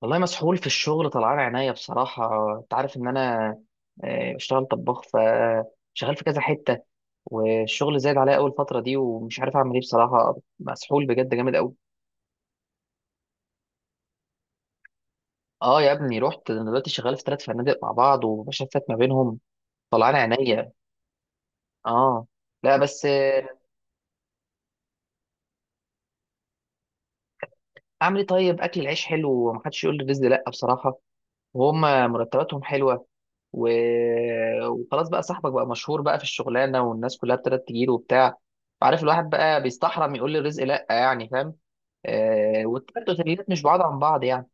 والله مسحول في الشغل، طلعان عينيا بصراحة. انت عارف ان انا بشتغل طباخ، فشغال في كذا حتة. والشغل زايد عليا اول فترة دي، ومش عارف اعمل ايه بصراحة. مسحول بجد جامد قوي. اه، يا ابني رحت. انا دلوقتي شغال في ثلاث فنادق مع بعض، وبشفت ما بينهم. طلعان عينيا. اه. لا بس اعمل ايه طيب؟ اكل العيش حلو، ومحدش يقول لي الرزق لا بصراحة. وهم مرتباتهم حلوه، و... وخلاص بقى، صاحبك بقى مشهور بقى في الشغلانه، والناس كلها ابتدت تجيله وبتاع. عارف، الواحد بقى بيستحرم يقول للرزق لا، يعني، فاهم. آه، والتلات اوتيلات مش بعاد عن بعض يعني.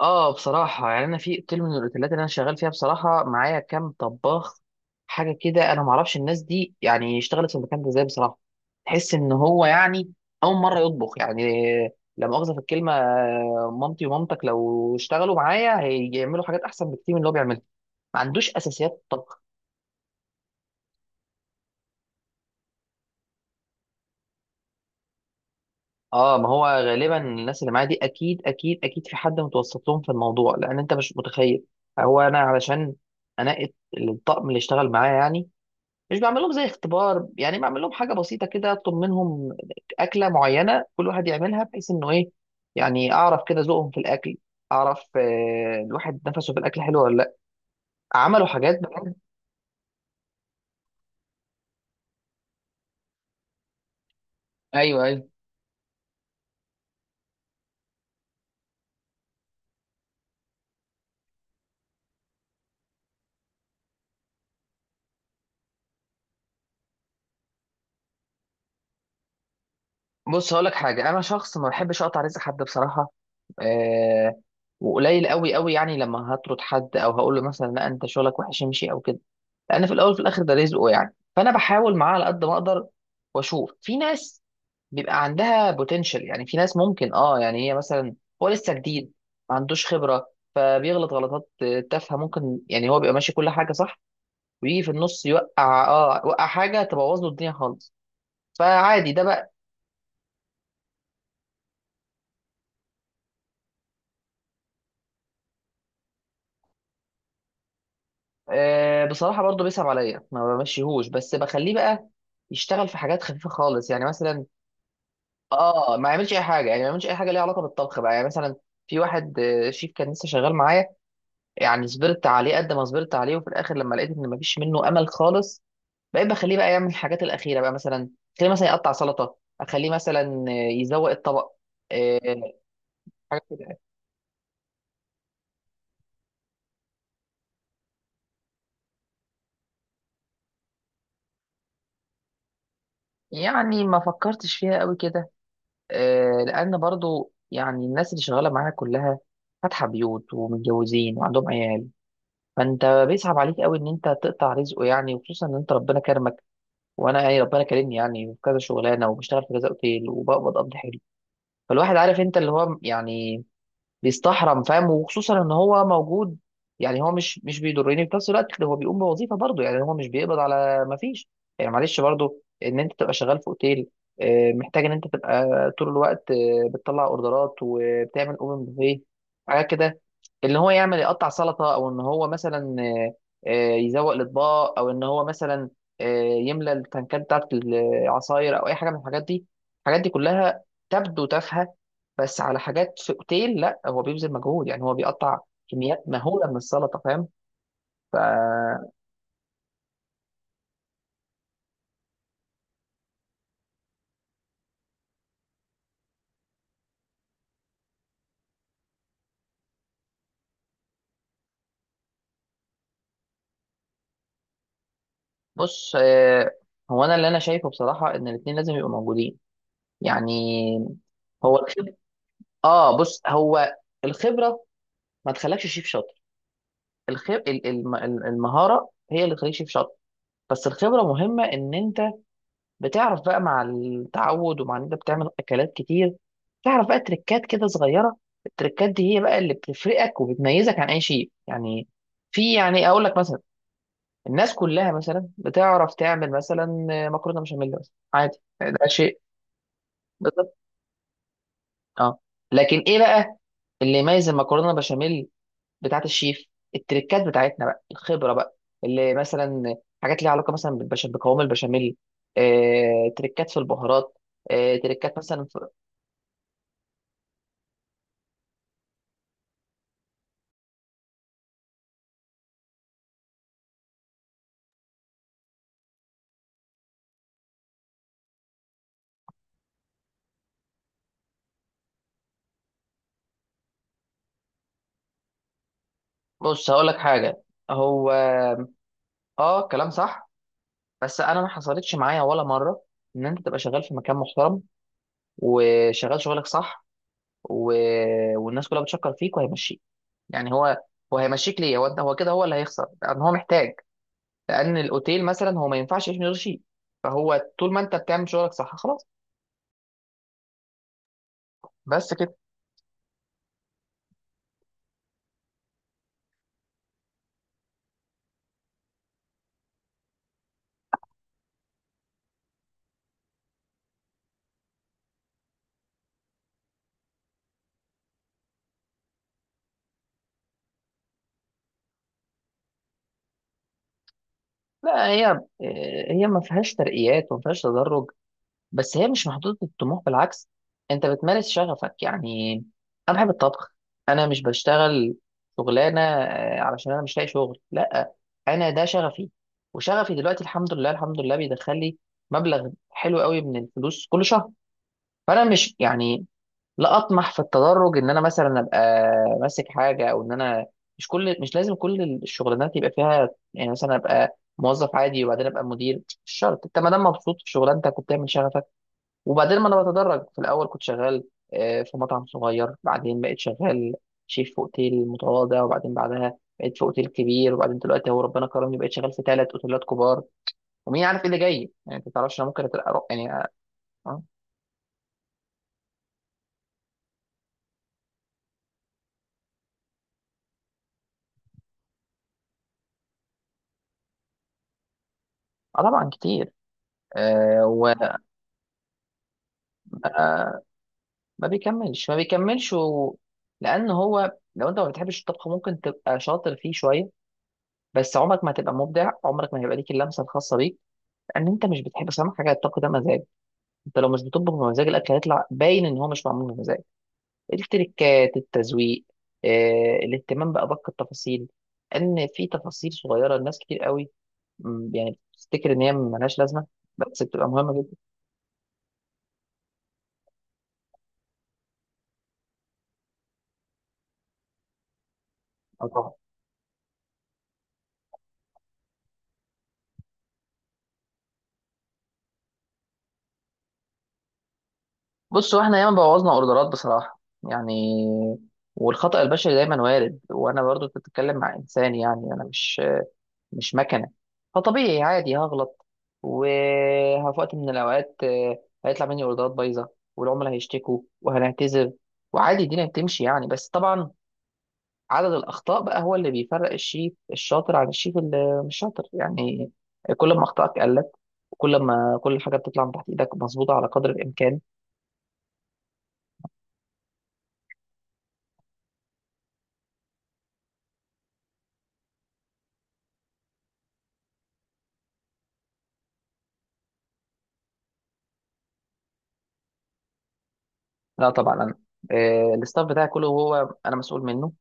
اه، بصراحة يعني أنا في أوتيل من الأوتيلات اللي أنا شغال فيها، بصراحة معايا كام طباخ حاجة كده، أنا معرفش الناس دي، يعني اشتغلت في المكان ده إزاي بصراحة. تحس إن هو يعني أول مرة يطبخ يعني. لا مؤاخذة في الكلمة، مامتي ومامتك لو اشتغلوا معايا هيعملوا حاجات أحسن بكتير من اللي هو بيعملها. ما عندوش أساسيات طبخ. اه، ما هو غالبا الناس اللي معايا دي أكيد أكيد أكيد في حد متوسط لهم في الموضوع، لأن أنت مش متخيل. هو أنا علشان أنقي الطقم اللي اشتغل معايا يعني، مش بعمل لهم زي اختبار، يعني بعمل لهم حاجه بسيطه كده، اطلب منهم اكله معينه كل واحد يعملها، بحيث انه ايه، يعني اعرف كده ذوقهم في الاكل. اعرف الواحد نفسه في الاكل حلو ولا لا. عملوا حاجات بجد. ايوه، ايوه. بص، هقول لك حاجه. انا شخص ما بحبش اقطع رزق حد بصراحه. أه. وقليل قوي قوي يعني لما هطرد حد او هقول له مثلا لا انت شغلك وحش، امشي او كده، لان في الاول وفي الاخر ده رزقه. يعني فانا بحاول معاه على قد ما اقدر، واشوف في ناس بيبقى عندها بوتنشال. يعني في ناس ممكن، اه، يعني هي مثلا هو لسه جديد، ما عندوش خبره، فبيغلط غلطات تافهه ممكن. يعني هو بيبقى ماشي كل حاجه صح، ويجي في النص يوقع، يوقع حاجه تبوظ له الدنيا خالص. فعادي ده بقى. آه، بصراحه برضه بيصعب عليا، ما بمشيهوش، بس بخليه بقى يشتغل في حاجات خفيفه خالص، يعني مثلا. اه، ما يعملش اي حاجه، يعني ما يعملش اي حاجه ليها علاقه بالطبخ بقى، يعني مثلا في واحد شيف كان لسه شغال معايا، يعني صبرت عليه قد ما صبرت عليه، وفي الاخر لما لقيت ان مفيش منه امل خالص، بقيت بخليه بقى يعمل الحاجات الاخيره بقى، مثلا خليه مثلا يقطع سلطه، اخليه مثلا يزوق الطبق. آه، حاجات كده. يعني ما فكرتش فيها قوي كده. لان برضو يعني الناس اللي شغاله معايا كلها فاتحه بيوت ومتجوزين وعندهم عيال، فانت بيصعب عليك قوي ان انت تقطع رزقه يعني، وخصوصا ان انت ربنا كرمك، وانا يعني ربنا كرمني يعني في كذا شغلانه، وبشتغل في كذا اوتيل، وبقبض قبض حلو. فالواحد عارف انت اللي هو يعني بيستحرم، فاهم، وخصوصا ان هو موجود. يعني هو مش بيضرني، في نفس الوقت هو بيقوم بوظيفه برضه، يعني هو مش بيقبض على ما فيش. يعني معلش برضه، ان انت تبقى شغال في اوتيل محتاج ان انت تبقى طول الوقت، بتطلع اوردرات وبتعمل اوبن بوفيه. حاجات كده، اللي هو يعمل يقطع سلطه، او ان هو مثلا يزوق الاطباق، او ان هو مثلا يملى التنكات بتاعت العصاير، او اي حاجه من الحاجات دي. الحاجات دي كلها تبدو تافهه، بس على حاجات في اوتيل، لا، هو بيبذل مجهود، يعني هو بيقطع كميات مهوله من السلطه، فاهم. فبص. هو انا اللي انا شايفه بصراحه ان الاثنين لازم يبقوا موجودين، يعني هو الخبره. اه، بص، هو الخبره ما تخلكش شيف شاطر. الخب... ال- ال- الم- المهاره هي اللي تخليك شيف شاطر. بس الخبره مهمه، ان انت بتعرف بقى، مع التعود ومع ان انت بتعمل اكلات كتير، تعرف بقى تريكات كده صغيره. التريكات دي هي بقى اللي بتفرقك وبتميزك عن اي شيء يعني. في، يعني اقول لك مثلا، الناس كلها مثلا بتعرف تعمل مثلا مكرونه بشاميل مثلا، عادي ده شيء. بالظبط. اه، لكن ايه بقى اللي يميز المكرونه بشاميل بتاعت الشيف؟ التريكات بتاعتنا بقى، الخبره بقى، اللي مثلا حاجات ليها علاقه مثلا بقوام البشاميل. تريكات في البهارات. تريكات مثلا. بص، هقول لك حاجه. هو اه كلام صح، بس انا ما حصلتش معايا ولا مره، ان انت تبقى شغال في مكان محترم، وشغال شغلك صح، و... والناس كلها بتشكر فيك، وهيمشيك. يعني هو، هيمشيك ليه؟ هو كده، هو اللي هيخسر، لان هو محتاج. لان الاوتيل مثلا هو ما ينفعش يعيش من غير شيء. فهو طول ما انت بتعمل شغلك صح، خلاص. بس كده. لا، هي ما فيهاش ترقيات وما فيهاش تدرج. بس هي مش محدودة الطموح، بالعكس، انت بتمارس شغفك يعني. انا بحب الطبخ. انا مش بشتغل شغلانة علشان انا مش لاقي شغل، لا، انا ده شغفي. وشغفي دلوقتي الحمد لله الحمد لله بيدخل لي مبلغ حلو قوي من الفلوس كل شهر. فانا مش يعني، لا اطمح في التدرج ان انا مثلا ابقى ماسك حاجة، او ان انا مش لازم كل الشغلانات يبقى فيها، يعني مثلا ابقى موظف عادي وبعدين ابقى مدير. مش شرط. انت ما دام مبسوط في شغلانتك وبتعمل شغفك، وبعدين ما انا بتدرج، في الاول كنت شغال في مطعم صغير، بعدين بقيت شغال شيف في اوتيل متواضع، وبعدين بعدها بقيت في اوتيل كبير، وبعدين دلوقتي هو ربنا كرمني بقيت شغال في ثلاث اوتيلات كبار. ومين عارف ايه اللي جاي يعني؟ انت ما تعرفش، انا ممكن يعني اه. آه، طبعا، كتير. آه، وما بيكملش ما بيكملش لان هو، لو انت ما بتحبش الطبخ، ممكن تبقى شاطر فيه شويه، بس عمرك ما هتبقى مبدع، عمرك ما هيبقى ليك اللمسه الخاصه بيك، لان انت مش بتحب. بس أهم حاجه الطبخ ده مزاج. انت لو مش بتطبخ بمزاج، الاكل هيطلع باين ان هو مش معمول بمزاج. التركات، التزويق، الاهتمام بادق التفاصيل، ان في تفاصيل صغيره الناس كتير قوي، يعني بتفتكر ان هي ملهاش لازمه، بس بتبقى مهمه جدا. اه طبعا. بصوا، احنا ياما بوظنا اوردرات بصراحه يعني. والخطأ البشري دايما وارد، وانا برضو كنت بتتكلم مع انسان، يعني انا مش مكنه. فطبيعي عادي هغلط. وفي وقت من الاوقات هيطلع مني اوردرات بايظه، والعملاء هيشتكوا وهنعتذر، وعادي الدنيا بتمشي يعني. بس طبعا عدد الاخطاء بقى هو اللي بيفرق الشيف الشاطر عن الشيف اللي مش شاطر يعني. كل ما اخطائك قلت، وكل ما كل حاجه بتطلع من تحت ايدك مظبوطه على قدر الامكان. لا طبعا، انا الستاف بتاعي كله هو انا مسؤول منه.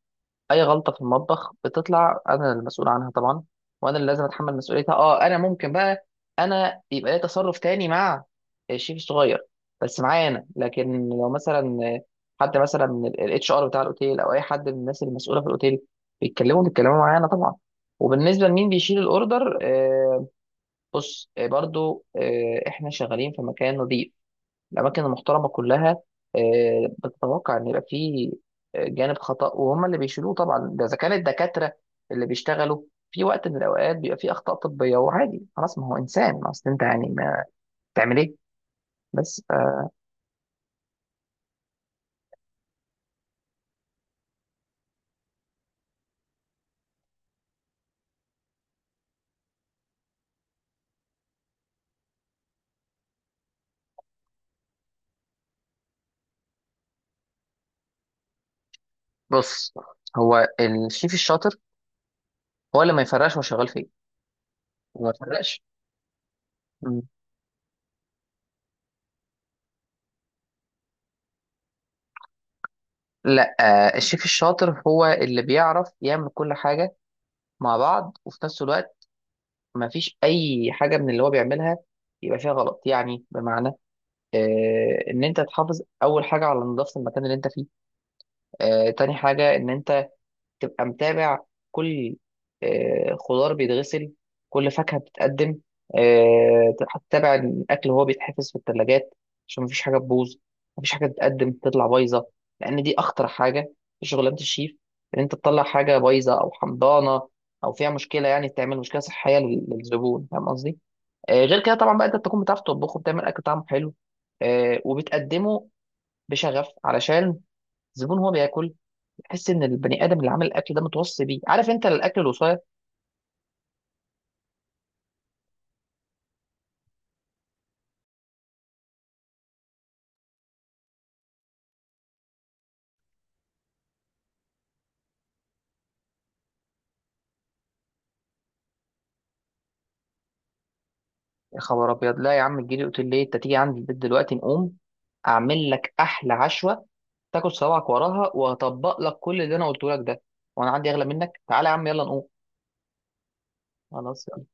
اي غلطه في المطبخ بتطلع انا المسؤول عنها طبعا، وانا اللي لازم اتحمل مسؤوليتها. اه، انا ممكن بقى، انا يبقى لي تصرف تاني مع الشيف الصغير، بس معايا انا. لكن لو مثلا حد مثلا من الاتش ار بتاع الاوتيل، او اي حد من الناس المسؤوله في الاوتيل، بيتكلموا معايا انا طبعا. وبالنسبه لمين بيشيل الاوردر، بص، برضو احنا شغالين في مكان نظيف. الأماكن المحترمة كلها بتتوقع إن يبقى فيه جانب خطأ، وهم اللي بيشيلوه طبعا. ده إذا كان الدكاترة اللي بيشتغلوا، في وقت من الأوقات بيبقى فيه أخطاء طبية، وعادي خلاص، ما هو إنسان، ما أصل أنت يعني، ما تعمل إيه؟ بس بص، هو الشيف الشاطر هو اللي ما يفرقش هو شغال فين. هو ما يفرقش. مم. لا، الشيف الشاطر هو اللي بيعرف يعمل كل حاجة مع بعض، وفي نفس الوقت ما فيش أي حاجة من اللي هو بيعملها يبقى فيها غلط. يعني بمعنى، ان انت تحافظ اول حاجه على نظافه المكان اللي انت فيه. تاني حاجه ان انت تبقى متابع كل خضار بيتغسل، كل فاكهه بتتقدم. هتتابع الاكل وهو بيتحفظ في الثلاجات، عشان مفيش حاجه تبوظ، مفيش حاجه تتقدم تطلع بايظه. لان دي اخطر حاجه في شغلانه الشيف، ان انت تطلع حاجه بايظه او حمضانه، او فيها مشكله، يعني تعمل مشكله صحيه للزبون، فاهم قصدي؟ غير كده طبعا بقى انت بتكون بتعرف تطبخه، بتعمل اكل طعمه حلو، وبتقدمه بشغف، علشان الزبون هو بياكل يحس ان البني ادم اللي عامل الاكل ده متوصي بيه، عارف انت الاكل الوصايه. يا خبر ابيض! لا يا عم، تجيلي؟ قلت ليه؟ انت تيجي عندي البيت دلوقتي، نقوم اعمل لك احلى عشوه، تاكل صوابعك وراها، وهطبق لك كل اللي انا قلته لك ده. وانا عندي اغلى منك. تعالى يا عم، يلا نقوم. خلاص.